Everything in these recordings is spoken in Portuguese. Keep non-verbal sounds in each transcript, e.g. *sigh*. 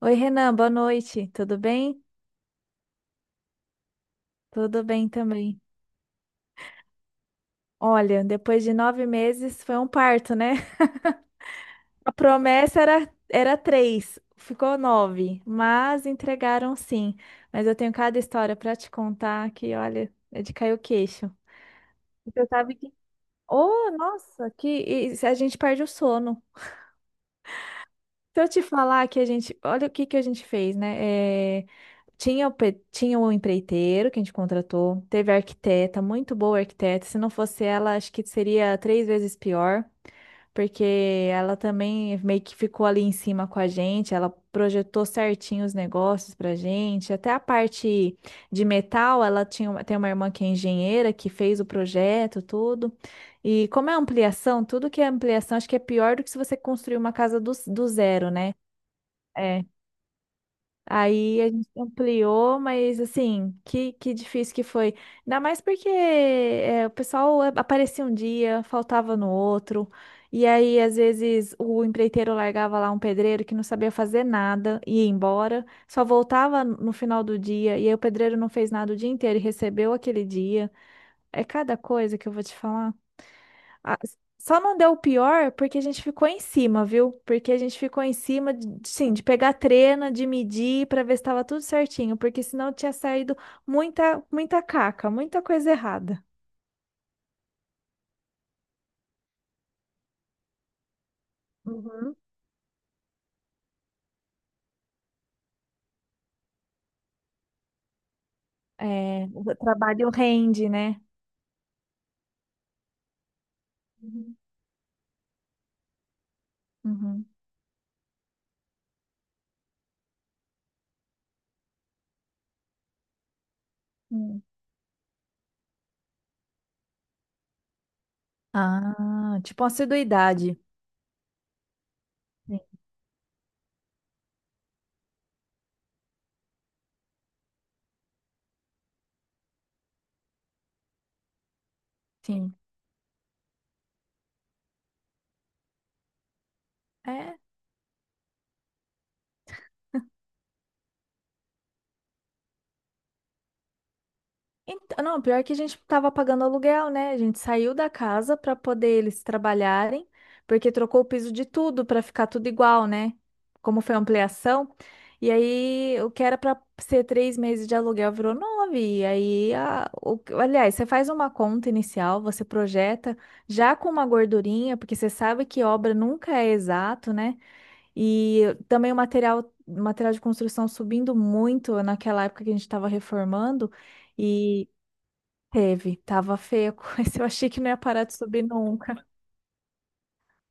Oi, Renan, boa noite. Tudo bem? Tudo bem também. Olha, depois de 9 meses foi um parto, né? *laughs* A promessa era três, ficou nove, mas entregaram sim. Mas eu tenho cada história para te contar que, olha, é de cair o queixo. Você sabe que. Oh, nossa, que e a gente perde o sono. Se eu te falar que a gente. Olha o que que a gente fez, né? É, Tinha o empreiteiro que a gente contratou, teve a arquiteta, muito boa arquiteta. Se não fosse ela, acho que seria 3 vezes pior, porque ela também meio que ficou ali em cima com a gente, ela projetou certinho os negócios pra gente. Até a parte de metal, ela tinha, tem uma irmã que é engenheira, que fez o projeto, tudo. E como é ampliação, tudo que é ampliação, acho que é pior do que se você construir uma casa do zero, né? É. Aí a gente ampliou, mas assim, que difícil que foi. Ainda mais porque é, o pessoal aparecia um dia, faltava no outro. E aí, às vezes, o empreiteiro largava lá um pedreiro que não sabia fazer nada, ia embora, só voltava no final do dia. E aí, o pedreiro não fez nada o dia inteiro e recebeu aquele dia. É cada coisa que eu vou te falar. Ah, só não deu o pior porque a gente ficou em cima, viu? Porque a gente ficou em cima, de, sim, de pegar trena, de medir para ver se estava tudo certinho, porque senão tinha saído muita, muita caca, muita coisa errada. Uhum. É, o trabalho rende, né? Uhum. Uhum. Hum. Ah, tipo uma assiduidade. Sim. Sim. É, então, não, pior que a gente tava pagando aluguel, né? A gente saiu da casa para poder eles trabalharem, porque trocou o piso de tudo para ficar tudo igual, né? Como foi a ampliação. E aí, o que era para ser 3 meses de aluguel virou nove. E aí, aliás, você faz uma conta inicial, você projeta já com uma gordurinha, porque você sabe que obra nunca é exato, né? E também o material, material de construção subindo muito naquela época que a gente estava reformando. e Teve, tava feio, *laughs* mas eu achei que não ia parar de subir nunca.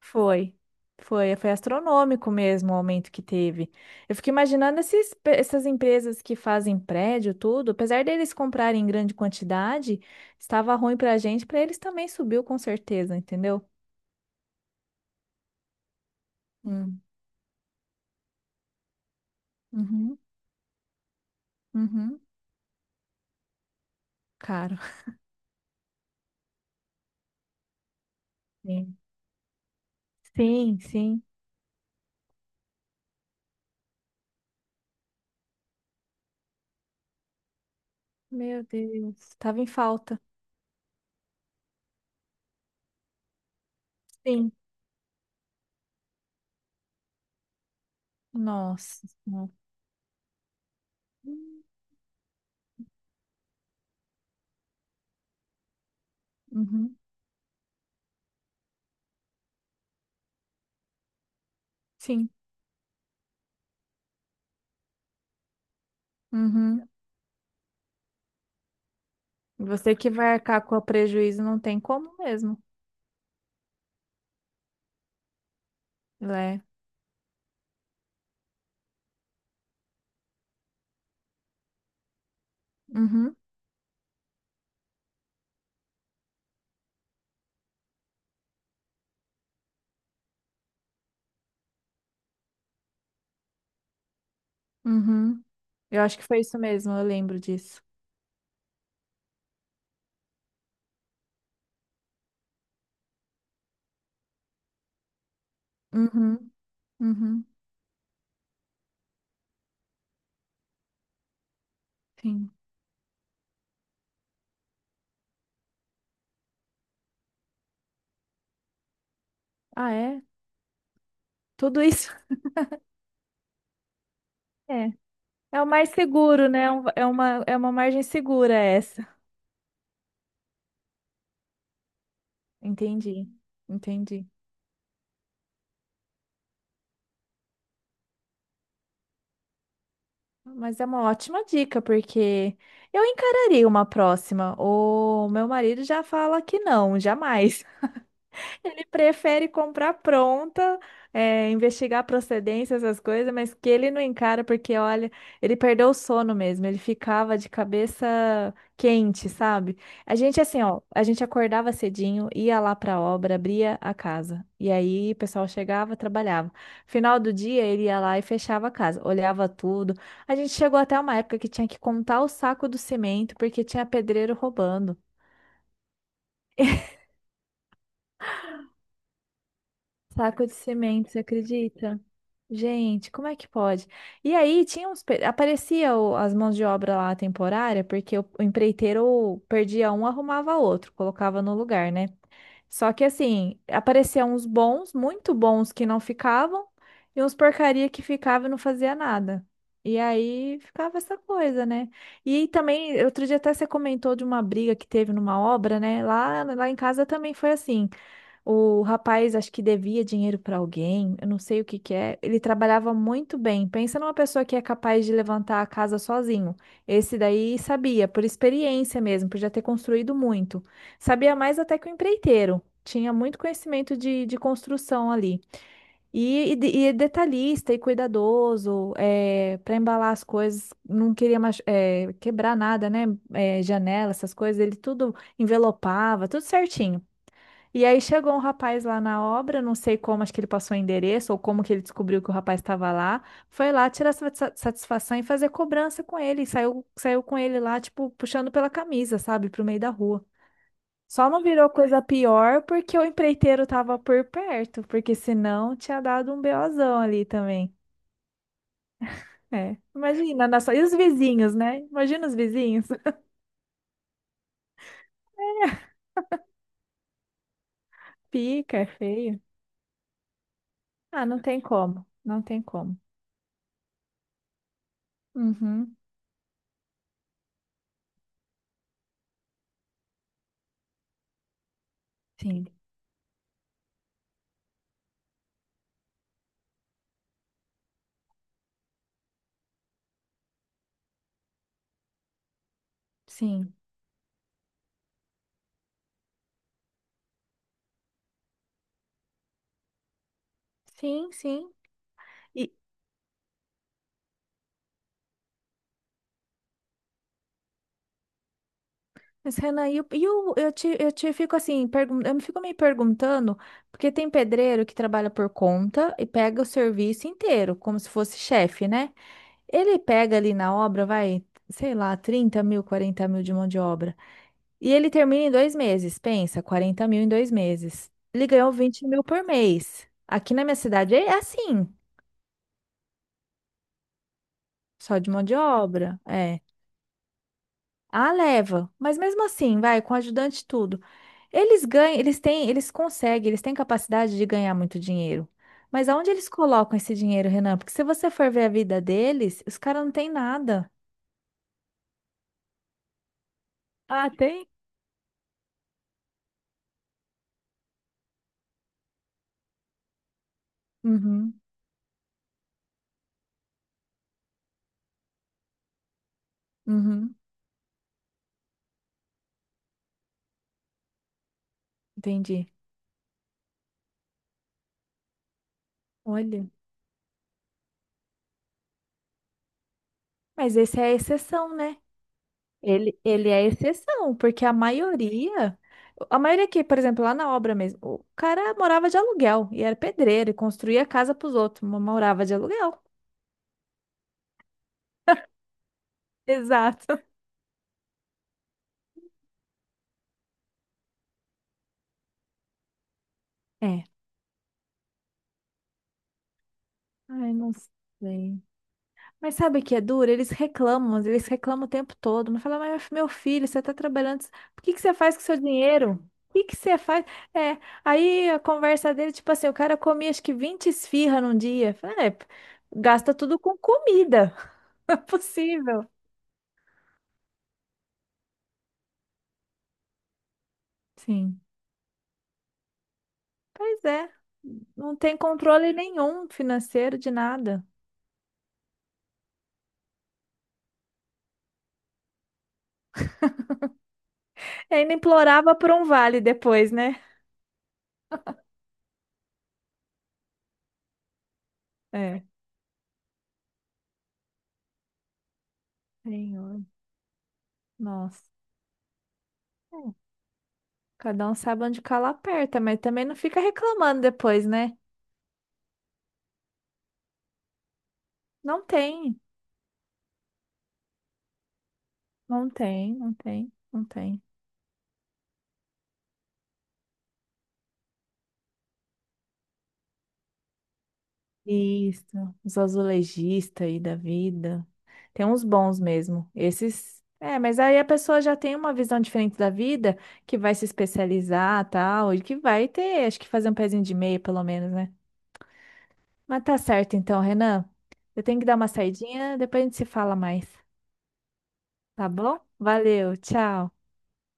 Foi, foi astronômico mesmo o aumento que teve. Eu fico imaginando essas empresas que fazem prédio, tudo, apesar deles comprarem em grande quantidade, estava ruim pra gente, pra eles também subiu com certeza, entendeu? Hum, Uhum, uhum, caro. Sim, sim, sim. Meu Deus, tava em falta. Sim, nossa senhora. Uhum, sim. Uhum. Você que vai arcar com o prejuízo não tem como mesmo, né? Uhum, uhum. Eu acho que foi isso mesmo, eu lembro disso. Uhum, uhum, sim. Ah, é? Tudo isso? *laughs* É. É o mais seguro, né? É uma margem segura essa. Entendi, entendi. Mas é uma ótima dica, porque eu encararia uma próxima. O meu marido já fala que não, jamais. Ele prefere comprar pronta, é, investigar procedência, essas coisas, mas que ele não encara, porque olha, ele perdeu o sono mesmo, ele ficava de cabeça quente, sabe? A gente, assim, ó, a gente acordava cedinho, ia lá pra obra, abria a casa, e aí o pessoal chegava, trabalhava. Final do dia, ele ia lá e fechava a casa, olhava tudo. A gente chegou até uma época que tinha que contar o saco do cimento, porque tinha pedreiro roubando. *laughs* Saco de cimento, você acredita? Gente, como é que pode? E aí tinha uns, aparecia as mãos de obra lá temporária, porque o empreiteiro perdia um, arrumava outro, colocava no lugar, né? Só que assim, apareciam uns bons, muito bons que não ficavam, e uns porcaria que ficava e não fazia nada. E aí ficava essa coisa, né? E também, outro dia até você comentou de uma briga que teve numa obra, né? Lá em casa também foi assim. O rapaz, acho que devia dinheiro para alguém, eu não sei o que que é. Ele trabalhava muito bem. Pensa numa pessoa que é capaz de levantar a casa sozinho. Esse daí sabia, por experiência mesmo, por já ter construído muito. Sabia mais até que o empreiteiro. Tinha muito conhecimento de construção ali. E é detalhista e cuidadoso, para embalar as coisas, não queria quebrar nada, né? Janela, essas coisas, ele tudo envelopava, tudo certinho. E aí chegou um rapaz lá na obra, não sei como, acho que ele passou o endereço ou como que ele descobriu que o rapaz estava lá. Foi lá tirar satisfação e fazer cobrança com ele. E saiu com ele lá, tipo, puxando pela camisa, sabe, pro meio da rua. Só não virou coisa pior porque o empreiteiro tava por perto, porque senão tinha dado um BOzão ali também. É, imagina, e os vizinhos, né? Imagina os vizinhos. *laughs* Pica, é feio. Ah, não tem como, não tem como. Uhum, sim, sim. Sim, sim. E- Mas, Renan, eu te fico assim, eu me fico me perguntando, porque tem pedreiro que trabalha por conta e pega o serviço inteiro, como se fosse chefe, né? Ele pega ali na obra, vai, sei lá, 30 mil, 40 mil de mão de obra. E ele termina em 2 meses, pensa, 40 mil em 2 meses. Ele ganhou 20 mil por mês. Aqui na minha cidade é assim, só de mão de obra. É. A leva, mas mesmo assim, vai, com ajudante e tudo. Eles ganham, eles têm, eles conseguem, eles têm capacidade de ganhar muito dinheiro. Mas aonde eles colocam esse dinheiro, Renan? Porque se você for ver a vida deles, os caras não têm nada. Ah, tem? Uhum, uhum, entendi. Olha, mas esse é a exceção, né? Ele é a exceção, porque a maioria que, por exemplo, lá na obra mesmo, o cara morava de aluguel e era pedreiro e construía casa para os outros, mas morava de aluguel. Exato. É. Ai, não sei. Mas sabe o que é duro? Eles reclamam o tempo todo. Não fala, mas meu filho, você tá trabalhando. O que que você faz com o seu dinheiro? O que que você faz? É. Aí a conversa dele, tipo assim, o cara comia acho que 20 esfirra num dia. Fala, é, gasta tudo com comida. *laughs* Não é possível. Sim. Pois é. Não tem controle nenhum financeiro de nada. E ainda implorava por um vale depois, né? É. Senhor. Nossa. É. Cada um sabe onde cala aperta, mas também não fica reclamando depois, né? Não tem, não tem, não tem, não tem. Isso, os azulejistas aí da vida. Tem uns bons mesmo. Esses. É, mas aí a pessoa já tem uma visão diferente da vida, que vai se especializar, tal, e que vai ter, acho que fazer um pezinho de meia, pelo menos, né? Mas tá certo então, Renan. Eu tenho que dar uma saidinha, depois a gente se fala mais, tá bom? Valeu, tchau.